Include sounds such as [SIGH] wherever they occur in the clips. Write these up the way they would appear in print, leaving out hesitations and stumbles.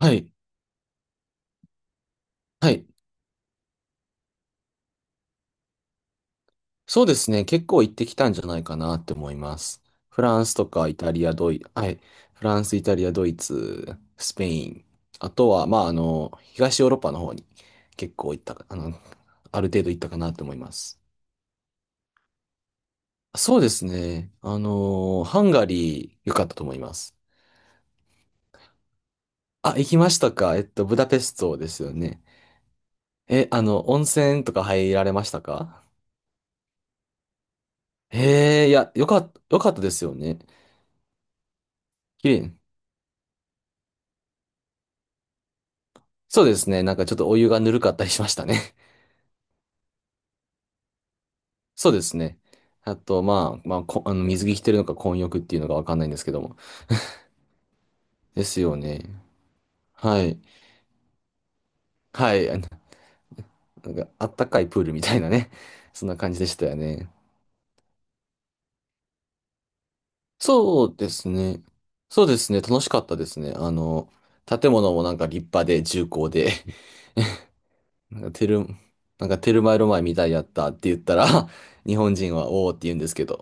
はい。はい。そうですね。結構行ってきたんじゃないかなって思います。フランスとかイタリア、はい。フランス、イタリア、ドイツ、スペイン。あとは、東ヨーロッパの方に結構行ったか、あの、ある程度行ったかなと思います。そうですね。ハンガリー良かったと思います。あ、行きましたか。ブダペストですよね。え、あの、温泉とか入られましたか？へえ、いや、よかったですよね。綺麗。そうですね。なんかちょっとお湯がぬるかったりしましたね。[LAUGHS] そうですね。あと、まあ、まあ、こ、あの、水着着てるのか混浴っていうのがわかんないんですけども。ですよね。はい。はい。なんか、あったかいプールみたいなね。[LAUGHS] そんな感じでしたよね。そうですね。そうですね。楽しかったですね。建物もなんか立派で重厚で、[LAUGHS] なんかテル、なんかテルマエロマエみたいやったって言ったら、[LAUGHS] 日本人はおーって言うんですけど。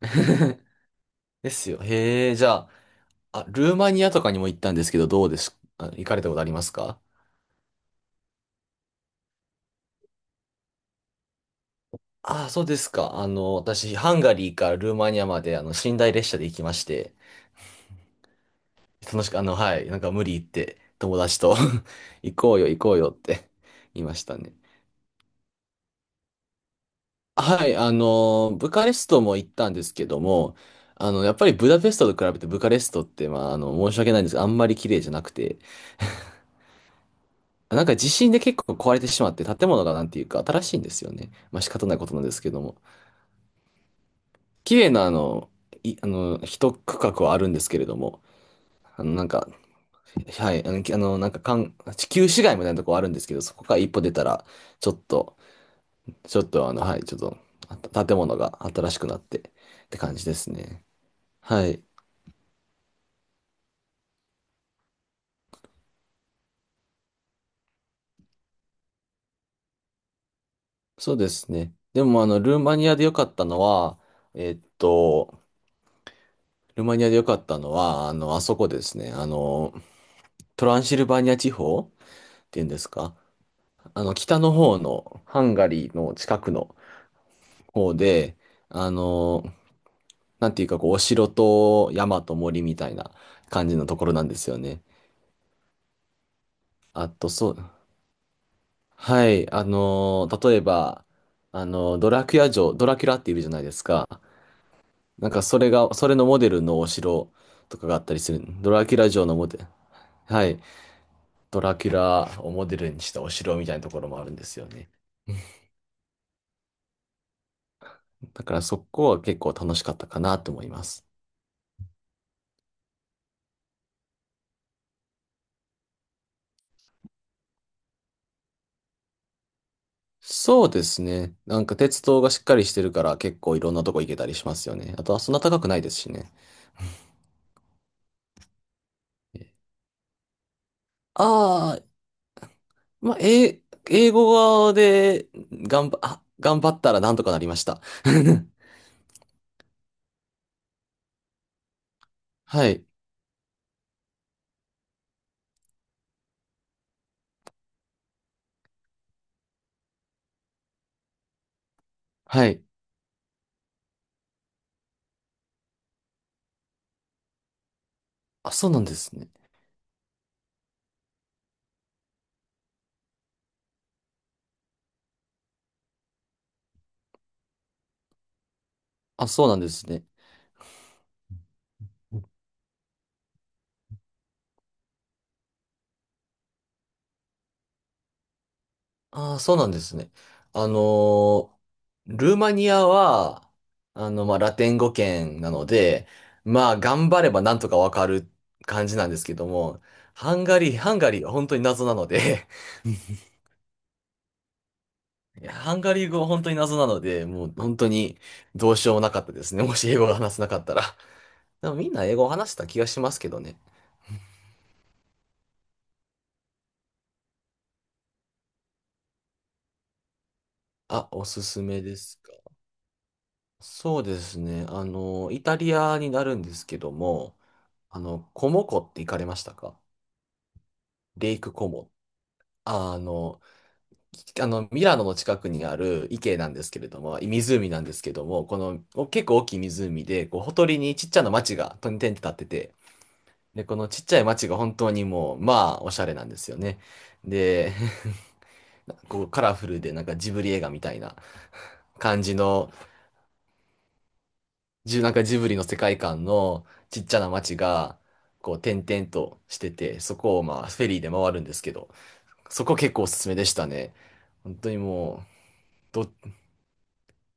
[LAUGHS] ですよ。へえ、じゃあ、あ、ルーマニアとかにも行ったんですけど、どうです？行かれたことありますか？ああ、そうですか。私、ハンガリーからルーマニアまで、寝台列車で行きまして、楽しく、はい、なんか無理言って、友達と [LAUGHS] 行こうよって [LAUGHS] 言いましたね。はい、ブカレストも行ったんですけども、やっぱりブダペストと比べてブカレストって、申し訳ないんですが、あんまり綺麗じゃなくて、なんか地震で結構壊れてしまって、建物がなんていうか新しいんですよね。まあ仕方ないことなんですけども。綺麗なあの、い、あの、一区画はあるんですけれども、あの、なんか、はい、あの、きあのなんか、かん、地球市街みたいなとこあるんですけど、そこから一歩出たら、ちょっと、ちょっとあの、はい、ちょっと、あ建物が新しくなってって感じですね。はい、そうですね。でも、あの、ルーマニアで良かったのは、えっと、ルーマニアで良かったのは、あの、あそこですね、あの、トランシルバニア地方っていうんですか、あの、北の方のハンガリーの近くの、方で、あの、なんていうか、こう、お城と山と森みたいな感じのところなんですよね。あと、そう、はい、例えば、ドラキュラ城、ドラキュラっているじゃないですか。なんか、それのモデルのお城とかがあったりする。ドラキュラ城のモデル、はい、ドラキュラをモデルにしたお城みたいなところもあるんですよね。だから、そこは結構楽しかったかなと思います。そうですね。なんか鉄道がしっかりしてるから結構いろんなとこ行けたりしますよね。あとはそんな高くないですしね。ああ、まあ、英英語で頑張ったらなんとかなりました。[LAUGHS] はい。はい。あ、そうなんですね。あ、そうなんですね。ああ、そうなんですね。あのールーマニアは、ラテン語圏なので、まあ、頑張ればなんとかわかる感じなんですけども、ハンガリーは本当に謎なので、いや、ハンガリー語は本当に謎なので、もう本当にどうしようもなかったですね。もし英語が話せなかったら。でもみんな英語を話した気がしますけどね。あ、おすすめですか。そうですね。イタリアになるんですけども、コモ湖って行かれましたか？レイクコモ。あの、きあの、ミラノの近くにある池なんですけれども、湖なんですけども、このお結構大きい湖で、こう、ほとりにちっちゃな町が点々と立ってて、で、このちっちゃい町が本当にもう、まあ、おしゃれなんですよね。で、[LAUGHS] こうカラフルでなんかジブリ映画みたいな感じの、じなんかジブリの世界観のちっちゃな町が、こう、点々としてて、そこをまあ、フェリーで回るんですけど、そこ結構おすすめでしたね。本当にもう、ど、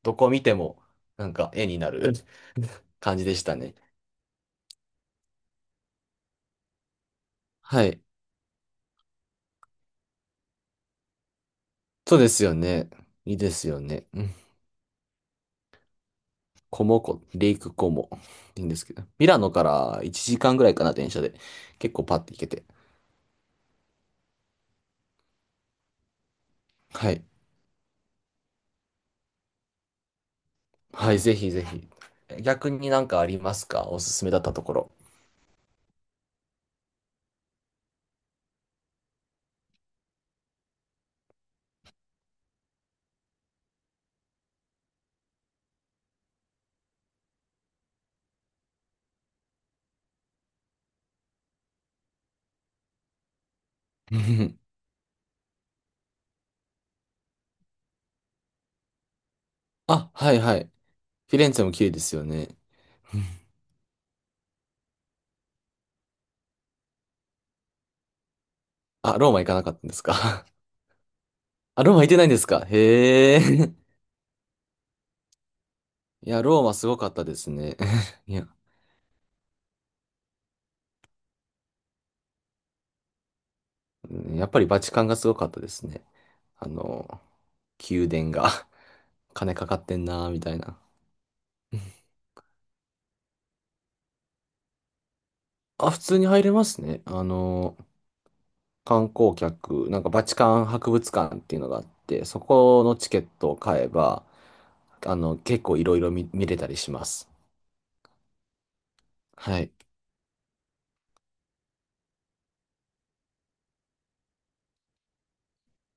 どこ見ても、なんか絵になる感じでしたね。はい。そうですよね。いいですよね。うん、コモ湖、レイクコモって言うんですけど、ミラノから1時間ぐらいかな、電車で。結構パッて行けて。はい。はい、ぜひぜひ。逆になんかありますか？おすすめだったところ。[LAUGHS] あ、はいはい。フィレンツェも綺麗ですよね。[LAUGHS] あ、ローマ行かなかったんですか？ [LAUGHS] あ、ローマ行ってないんですか？へえ。[LAUGHS] いや、ローマすごかったですね。[LAUGHS] いや、うん、やっぱりバチカンがすごかったですね。あの、宮殿が [LAUGHS] 金かかってんなーみたいな。あ、普通に入れますね。観光客、なんかバチカン博物館っていうのがあって、そこのチケットを買えば、結構いろいろ見れたりします。はい。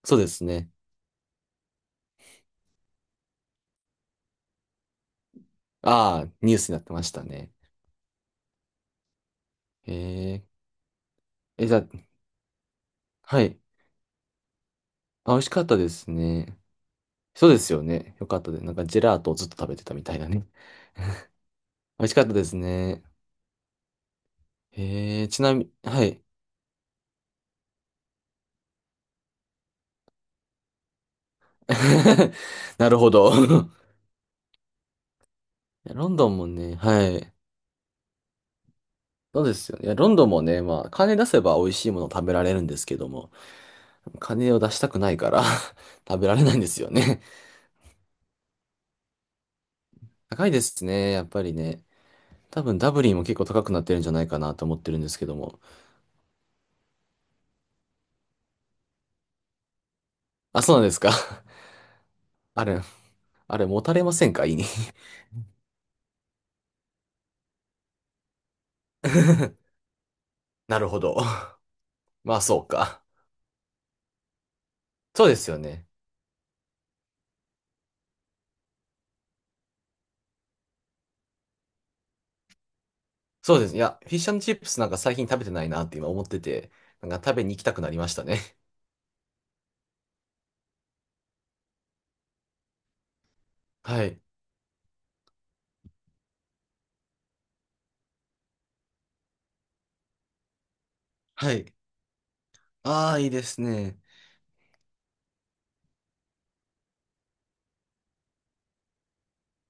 そうですね。ああ、ニュースになってましたね。えー、え、じゃあ、はい。あ、美味しかったですね。そうですよね。よかったです。なんかジェラートをずっと食べてたみたいなね。美味しかったですね。えー、ちなみに、はい。[LAUGHS] なるほど。[LAUGHS] ロンドンもね、はい。そうですよね。いや、ロンドンもね、まあ、金出せば美味しいもの食べられるんですけども、金を出したくないから [LAUGHS] 食べられないんですよね。高いですね、やっぱりね。多分ダブリンも結構高くなってるんじゃないかなと思ってるんですけども。あ、そうなんですか。[LAUGHS] あれ、あれ、持たれませんか？胃に。 [LAUGHS] なるほど。[LAUGHS] まあ、そうか。そうですよね。そうです。いや、フィッシュチップスなんか最近食べてないなって今思ってて、なんか食べに行きたくなりましたね。はい。はい。ああ、いいですね。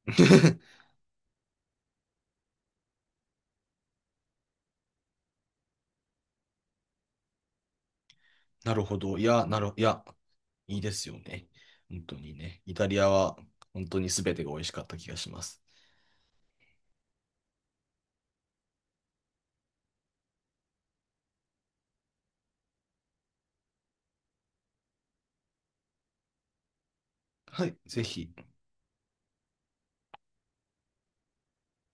[LAUGHS] なるほど。いや、いや、いいですよね。本当にね。イタリアは本当に全てが美味しかった気がします。はい、ぜひ。